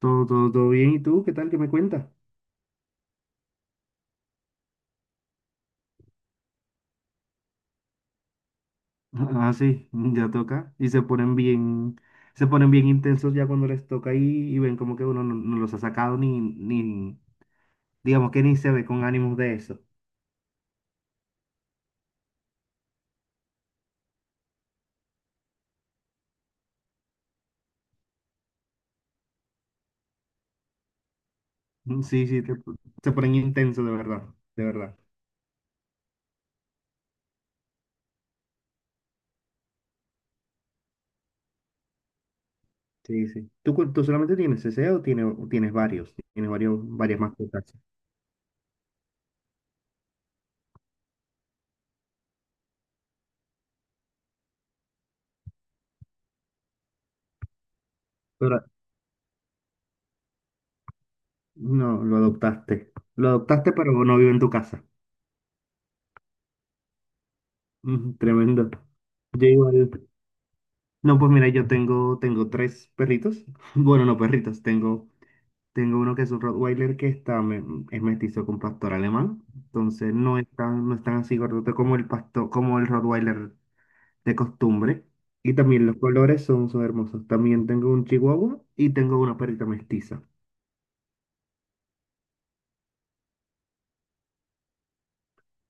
Todo, todo, todo bien. ¿Y tú qué tal? ¿Qué me cuentas? Ah, sí, ya toca. Y se ponen bien intensos ya cuando les toca y ven como que uno no los ha sacado ni digamos que ni se ve con ánimos de eso. Mm, sí, sí, se ponen intensos de verdad, de verdad. Sí, sí. ¿Tú solamente tienes ese o tienes varios? Tienes varios, varias mascotas. Pero no, lo adoptaste. Lo adoptaste, pero no vive en tu casa. Ujú, tremendo. Yo igual. No, pues mira, yo tengo tres perritos. Bueno, no perritos, tengo uno que es un Rottweiler que está, es mestizo con pastor alemán. Entonces no es tan así gordote como el pastor, como el Rottweiler de costumbre. Y también los colores son hermosos. También tengo un Chihuahua y tengo una perrita mestiza.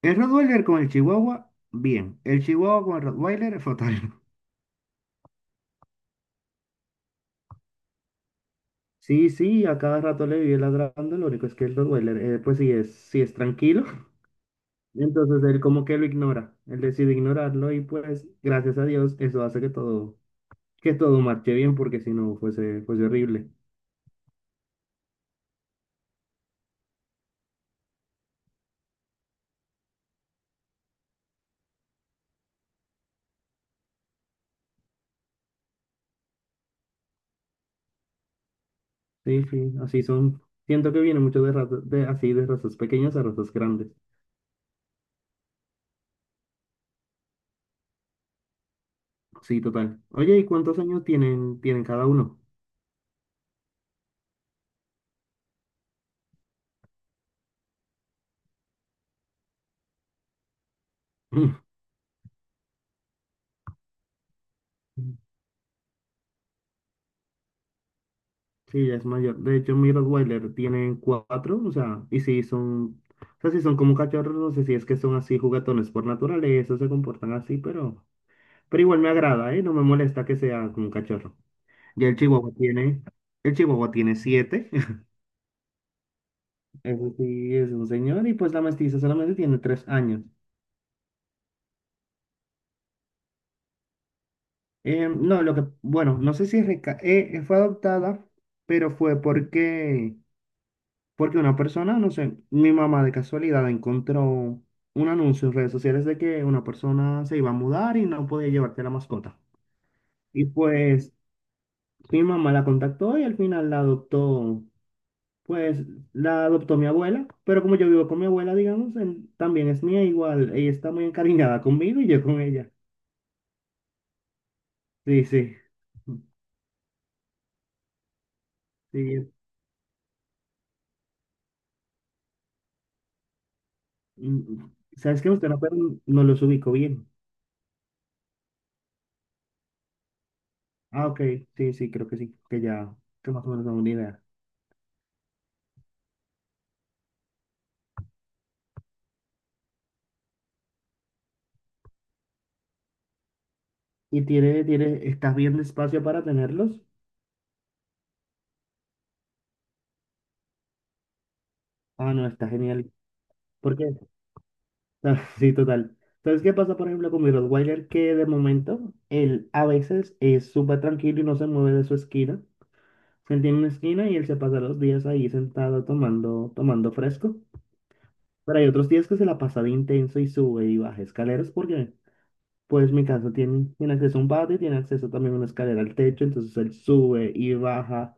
El Rottweiler con el Chihuahua, bien. El Chihuahua con el Rottweiler, fatal. Sí, sí, a cada rato le vive ladrando. Lo único es que el Rottweiler, pues sí es tranquilo. Entonces él como que lo ignora, él decide ignorarlo y pues gracias a Dios eso hace que todo marche bien porque si no fuese horrible. Sí, sí, así son. Siento que viene mucho de razas, de así de razas pequeñas a razas grandes. Sí, total. Oye, ¿y cuántos años tienen cada uno? Sí, ya es mayor. De hecho, mi Rottweiler tiene cuatro, o sea, y sí son, o sea, sí son como cachorros, no sé si es que son así juguetones por naturaleza, se comportan así, Pero igual me agrada, ¿eh? No me molesta que sea como un cachorro. Y el chihuahua tiene siete. Eso sí, es un señor. Y pues la mestiza solamente tiene 3 años. No, lo que, bueno, no sé si fue adoptada, pero fue porque una persona, no sé, mi mamá de casualidad encontró un anuncio en redes sociales de que una persona se iba a mudar y no podía llevarte la mascota. Y pues mi mamá la contactó y al final la adoptó. Pues la adoptó mi abuela, pero como yo vivo con mi abuela, digamos, también es mía igual. Ella está muy encariñada conmigo y yo con ella. Sí, sí. Sí, mm, ¿sabes qué? Usted no, pero no los ubico bien. Ah, ok. Sí, sí, creo que sí. Que ya, que más o menos tengo una idea. ¿Y estás bien de espacio para tenerlos? Ah, no, está genial. ¿Por qué? Ah, Sí, total. ¿Sabes qué pasa, por ejemplo, con mi Rottweiler? Que de momento, él a veces es súper tranquilo y no se mueve de su esquina. Él tiene una esquina y él se pasa los días ahí sentado tomando fresco. Pero hay otros días que se la pasa de intenso y sube y baja escaleras porque, pues, mi casa tiene acceso a un patio y tiene acceso también a una escalera al techo. Entonces él sube y baja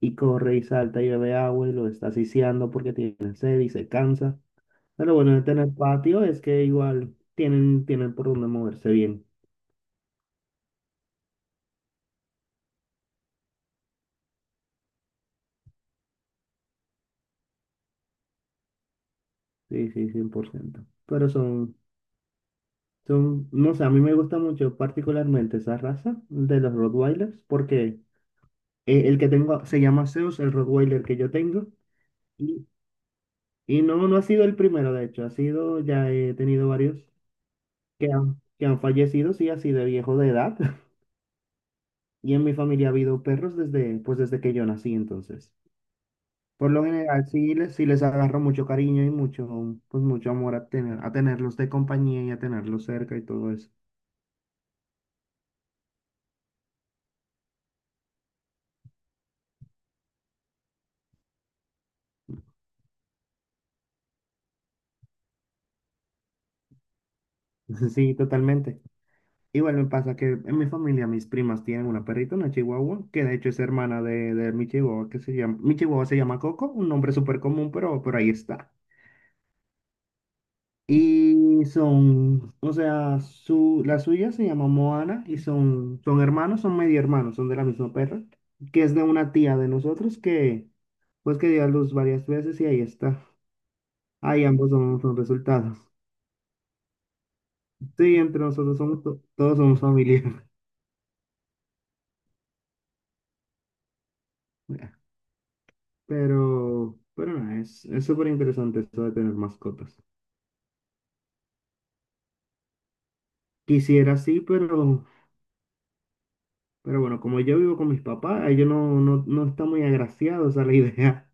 y corre y salta y bebe agua y lo está asfixiando porque tiene sed y se cansa. Pero bueno de tener patio es que igual tienen por dónde moverse bien. Sí, sí, 100%. Pero no sé, a mí me gusta mucho particularmente esa raza de los Rottweilers porque el que tengo se llama Zeus, el Rottweiler que yo tengo, y, y no ha sido el primero, de hecho, ha sido, ya he tenido varios que han, fallecido, sí, así de viejo de edad, y en mi familia ha habido perros desde, pues desde que yo nací, entonces. Por lo general, sí les agarro mucho cariño y mucho, pues mucho amor a tenerlos de compañía y a tenerlos cerca y todo eso. Sí, totalmente. Igual me pasa que en mi familia mis primas tienen una perrita, una chihuahua, que de hecho es hermana de mi chihuahua, mi chihuahua se llama Coco, un nombre súper común, pero ahí está. Y son, o sea, la suya se llama Moana y son hermanos, son medio hermanos, son de la misma perra, que es de una tía de nosotros que, pues que dio a luz varias veces y ahí está. Ahí ambos son resultados. Sí, entre nosotros todos somos familia. Pero nada, es súper interesante eso de tener mascotas. Quisiera sí, pero bueno, como yo vivo con mis papás, ellos no están muy agraciados a la idea.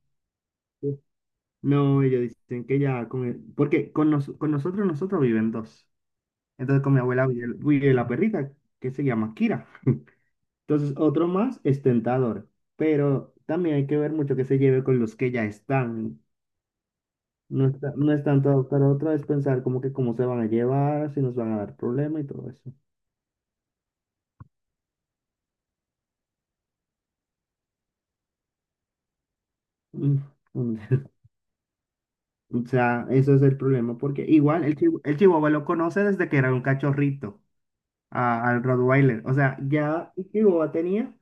No, ellos dicen que ya con porque con nosotros viven dos. Entonces con mi abuela vive la perrita, que se llama Kira. Entonces otro más es tentador, pero también hay que ver mucho que se lleve con los que ya están. No es tanto adoptar a otro, es pensar como que cómo se van a llevar, si nos van a dar problema y todo eso. Mm, mm. O sea, eso es el problema, porque igual el chihuahua lo conoce desde que era un cachorrito al Rottweiler. O sea, ya el chihuahua tenía,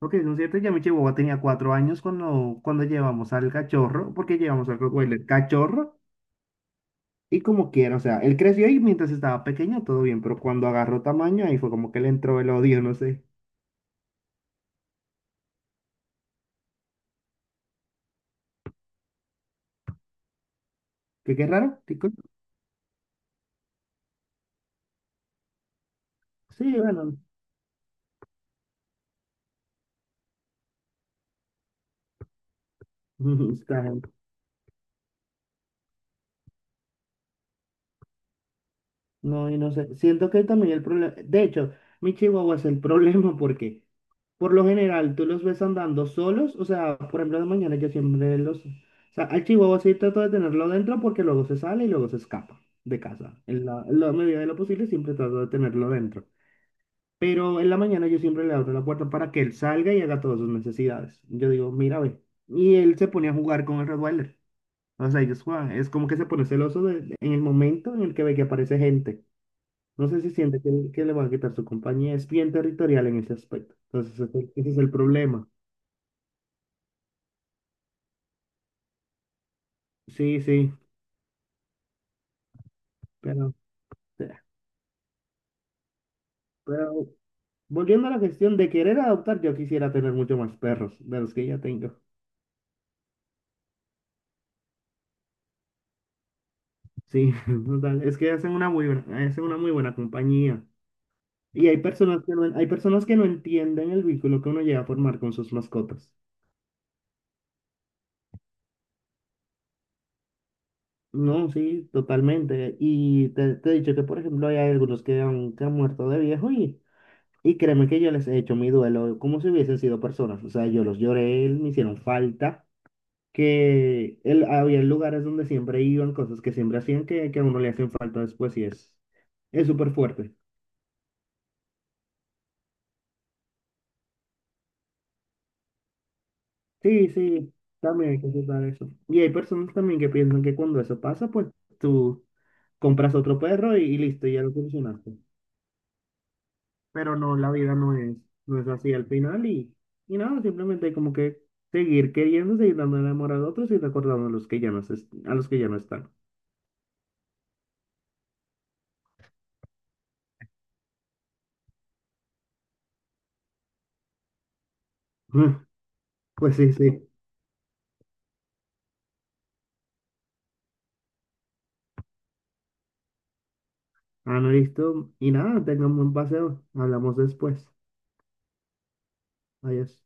ok, son cierto, ya mi chihuahua tenía 4 años cuando llevamos al cachorro, porque llevamos al Rottweiler cachorro y como quiera. O sea, él creció y mientras estaba pequeño todo bien, pero cuando agarró tamaño ahí fue como que le entró el odio, no sé. ¿Qué raro? ¿Qué cosa? Sí, bueno, está bien. No, y no sé, siento que también el problema, de hecho, mi chihuahua es el problema porque por lo general tú los ves andando solos, o sea, por ejemplo, de mañana yo siempre los, o sea, al chihuahua sí trato de tenerlo dentro porque luego se sale y luego se escapa de casa. En la medida de lo posible siempre trato de tenerlo dentro. Pero en la mañana yo siempre le abro la puerta para que él salga y haga todas sus necesidades. Yo digo, mira, ve. Y él se pone a jugar con el Rottweiler. O sea, ellos juegan. Es como que se pone celoso en el momento en el que ve que aparece gente. No sé si siente que, le van a quitar su compañía. Es bien territorial en ese aspecto. Entonces, ese es el problema. Sí, sí, pero, eh, pero volviendo a la cuestión de querer adoptar, yo quisiera tener mucho más perros de los que ya tengo. Sí, total. Es que hacen una muy buena compañía. Y hay personas que no entienden el vínculo que uno llega a formar con sus mascotas. No, sí, totalmente. Y te he dicho que, por ejemplo, hay algunos que han muerto de viejo y. Y créeme que yo les he hecho mi duelo como si hubiesen sido personas. O sea, yo los lloré, me hicieron falta, que él, había lugares donde siempre iban, cosas que siempre hacían que a uno le hacen falta después y es súper fuerte. Sí, sí, también hay que aceptar eso. Y hay personas también que piensan que cuando eso pasa, pues tú compras otro perro y listo, ya lo solucionaste. Pero no, la vida no es así al final y nada, simplemente hay como que seguir queriendo, seguir dando el amor a otros y recordando a los que ya no, se- a los que ya no están. Pues sí, sí. Ah, no, listo. Y nada, tengan buen paseo. Hablamos después. Adiós.